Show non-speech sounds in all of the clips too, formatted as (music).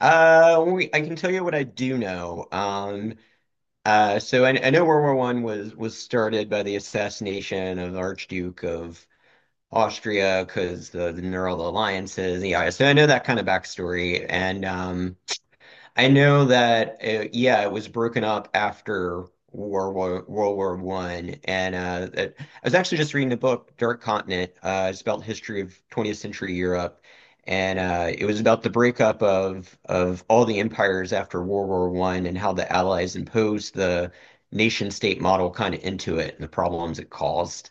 I can tell you what I do know. I know World War One was started by the assassination of the Archduke of Austria because the Neural Alliances, yeah. So I know that kind of backstory, and I know that yeah, it was broken up after World War One, and I was actually just reading a book, Dark Continent. It's about the history of 20th century Europe, and it was about the breakup of all the empires after World War One and how the Allies imposed the nation state model kind of into it and the problems it caused.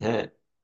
(laughs)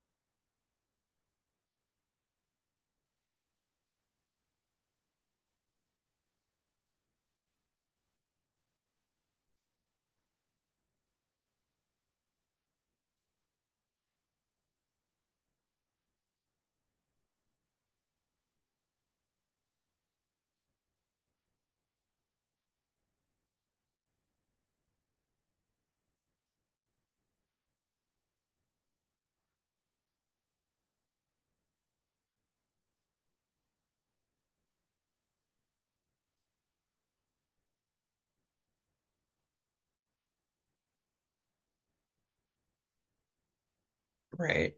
Right.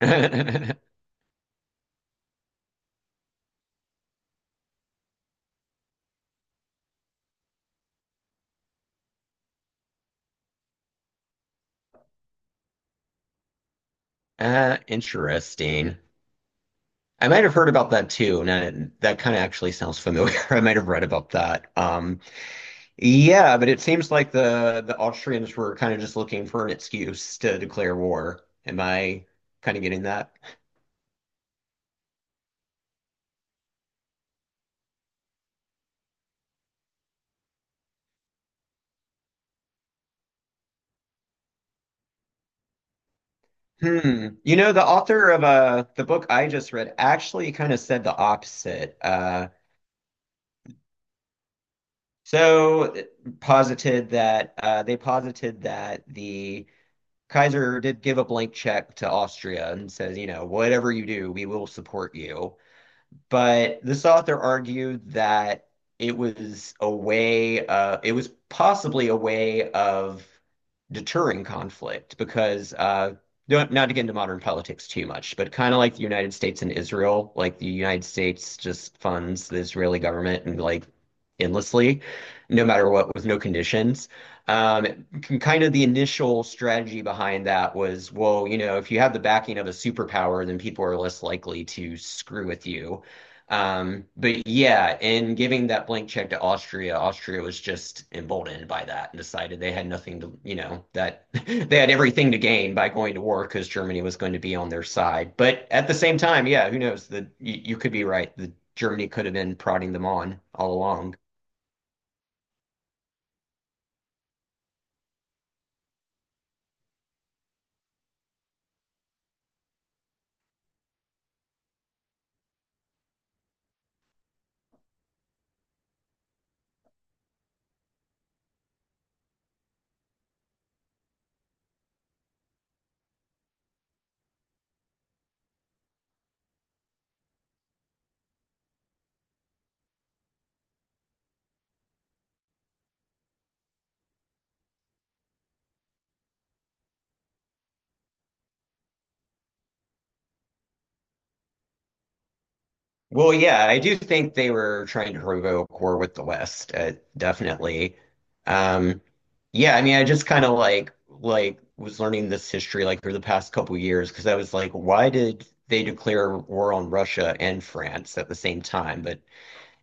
(laughs) Interesting. I might have heard about that too, and that kind of actually sounds familiar. (laughs) I might have read about that. Yeah, but it seems like the Austrians were kind of just looking for an excuse to declare war. Am I kind of getting that? Hmm. You know, the author of the book I just read actually kind of said the opposite. So posited that they posited that the Kaiser did give a blank check to Austria and says, you know, whatever you do, we will support you. But this author argued that it was a way, it was possibly a way of deterring conflict because, not to get into modern politics too much, but kind of like the United States and Israel, like the United States just funds the Israeli government and like endlessly, no matter what, with no conditions. Kind of the initial strategy behind that was, well, you know, if you have the backing of a superpower, then people are less likely to screw with you. But yeah, in giving that blank check to Austria, Austria was just emboldened by that and decided they had nothing to, you know, that (laughs) they had everything to gain by going to war because Germany was going to be on their side. But at the same time, yeah, who knows? You could be right. The Germany could have been prodding them on all along. Well, yeah, I do think they were trying to provoke war with the West, definitely. Um, yeah, I mean, I just kind of like was learning this history like through the past couple years because I was like, why did they declare war on Russia and France at the same time? But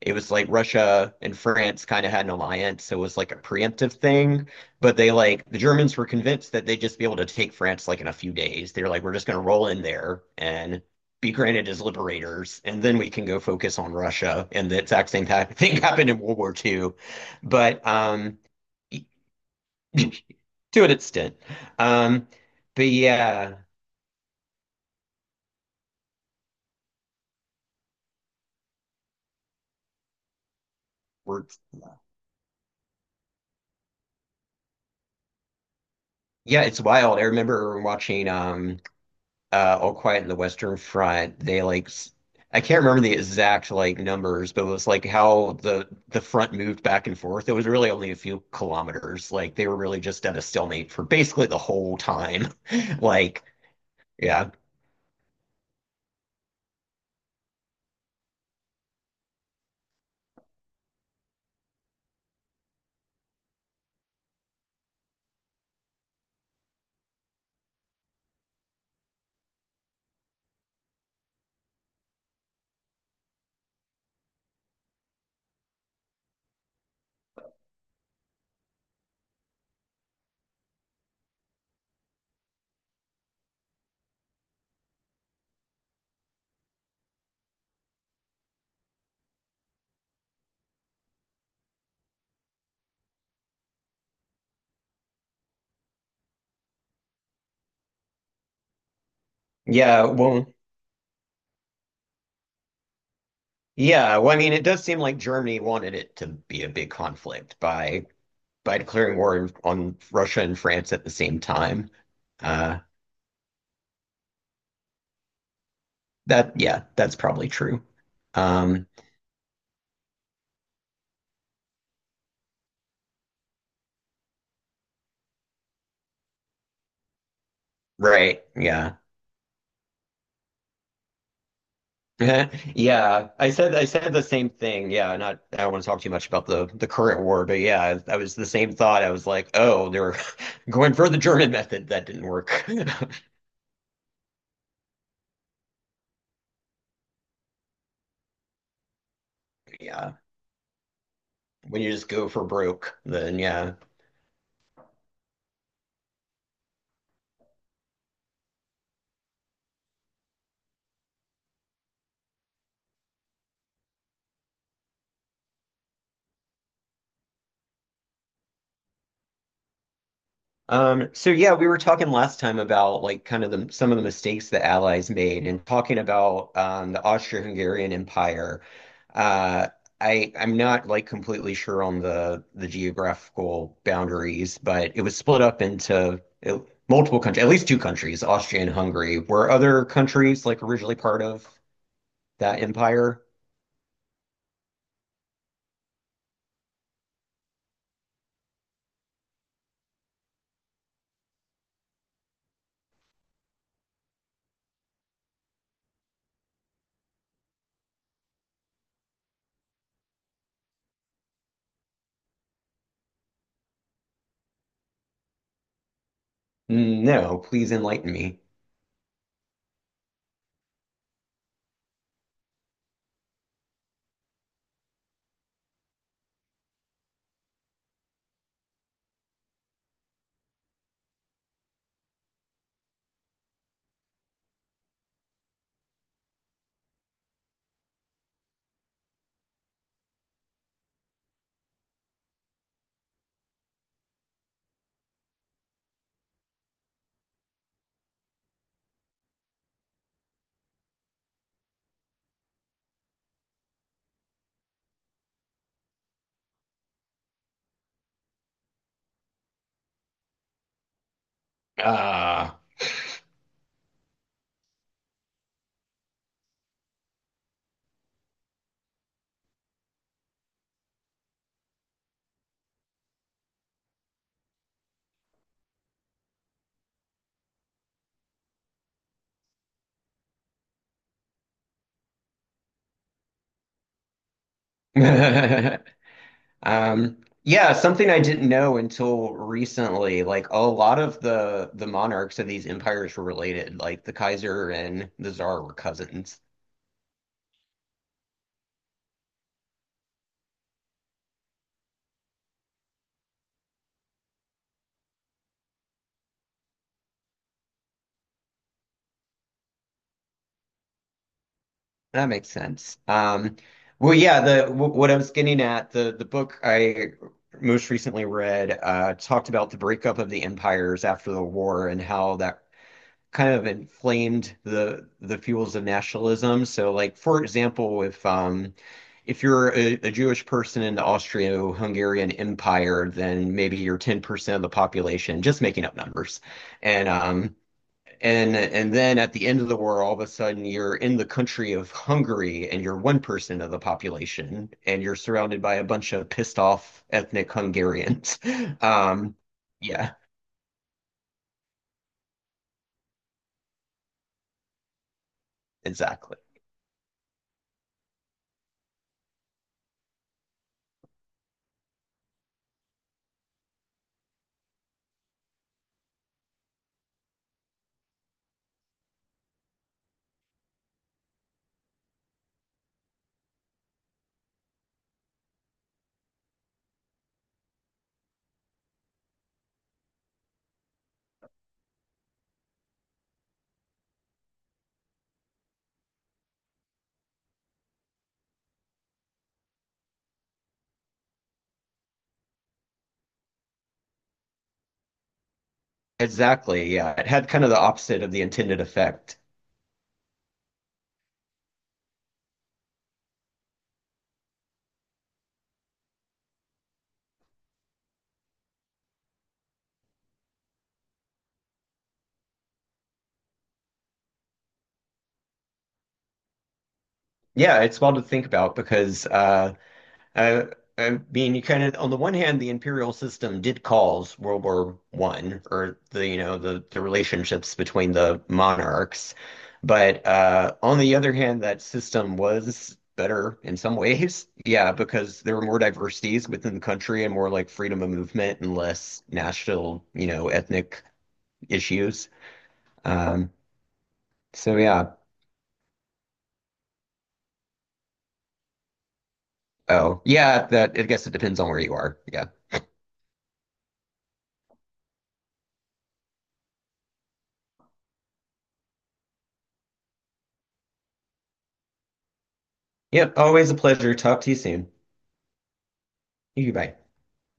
it was like Russia and France kind of had an alliance, so it was like a preemptive thing. But they like the Germans were convinced that they'd just be able to take France like in a few days. They were like, we're just gonna roll in there and be granted as liberators, and then we can go focus on Russia. And the exact same thing (laughs) happened in World War Two, but (clears throat) (laughs) to an extent. Um, but yeah, we're yeah, it's wild. I remember watching All Quiet in the Western Front, they I can't remember the exact like numbers, but it was like how the front moved back and forth. It was really only a few kilometers. Like they were really just at a stalemate for basically the whole time. (laughs) Like, yeah. Yeah, well, I mean, it does seem like Germany wanted it to be a big conflict by declaring war on Russia and France at the same time. Uh that yeah, that's probably true. Um, right, yeah. (laughs) Yeah, I said the same thing. Yeah, not I don't want to talk too much about the current war, but yeah, I was the same thought. I was like, oh, they're (laughs) going for the German method. That didn't work. (laughs) Yeah, when you just go for broke, then yeah, um, so yeah, we were talking last time about like kind of the some of the mistakes the Allies made and talking about the Austro-Hungarian Empire. Uh, I'm not like completely sure on the geographical boundaries, but it was split up into uh, multiple countries, at least two countries, Austria and Hungary. Were other countries like originally part of that empire? No, please enlighten me. Ah. (laughs) Yeah, something I didn't know until recently. Like a lot of the monarchs of these empires were related. Like the Kaiser and the Tsar were cousins. That makes sense. Well, yeah, the w what I was getting at, the book I most recently read talked about the breakup of the empires after the war and how that kind of inflamed the fuels of nationalism. So, like for example, if you're a Jewish person in the Austro-Hungarian Empire, then maybe you're 10% of the population, just making up numbers. And and then at the end of the war, all of a sudden you're in the country of Hungary and you're 1% of the population, and you're surrounded by a bunch of pissed off ethnic Hungarians. (laughs) Um, yeah, exactly. Exactly. Yeah. It had kind of the opposite of the intended effect. Yeah, it's well to think about because I, I mean, you kind of on the one hand, the imperial system did cause World War One or the you know the relationships between the monarchs, but on the other hand, that system was better in some ways. Yeah, because there were more diversities within the country and more like freedom of movement and less national, you know, ethnic issues. Um, so yeah. Oh, yeah, that I guess it depends on where you are. Yeah. Yep, always a pleasure. Talk to you soon. You bye.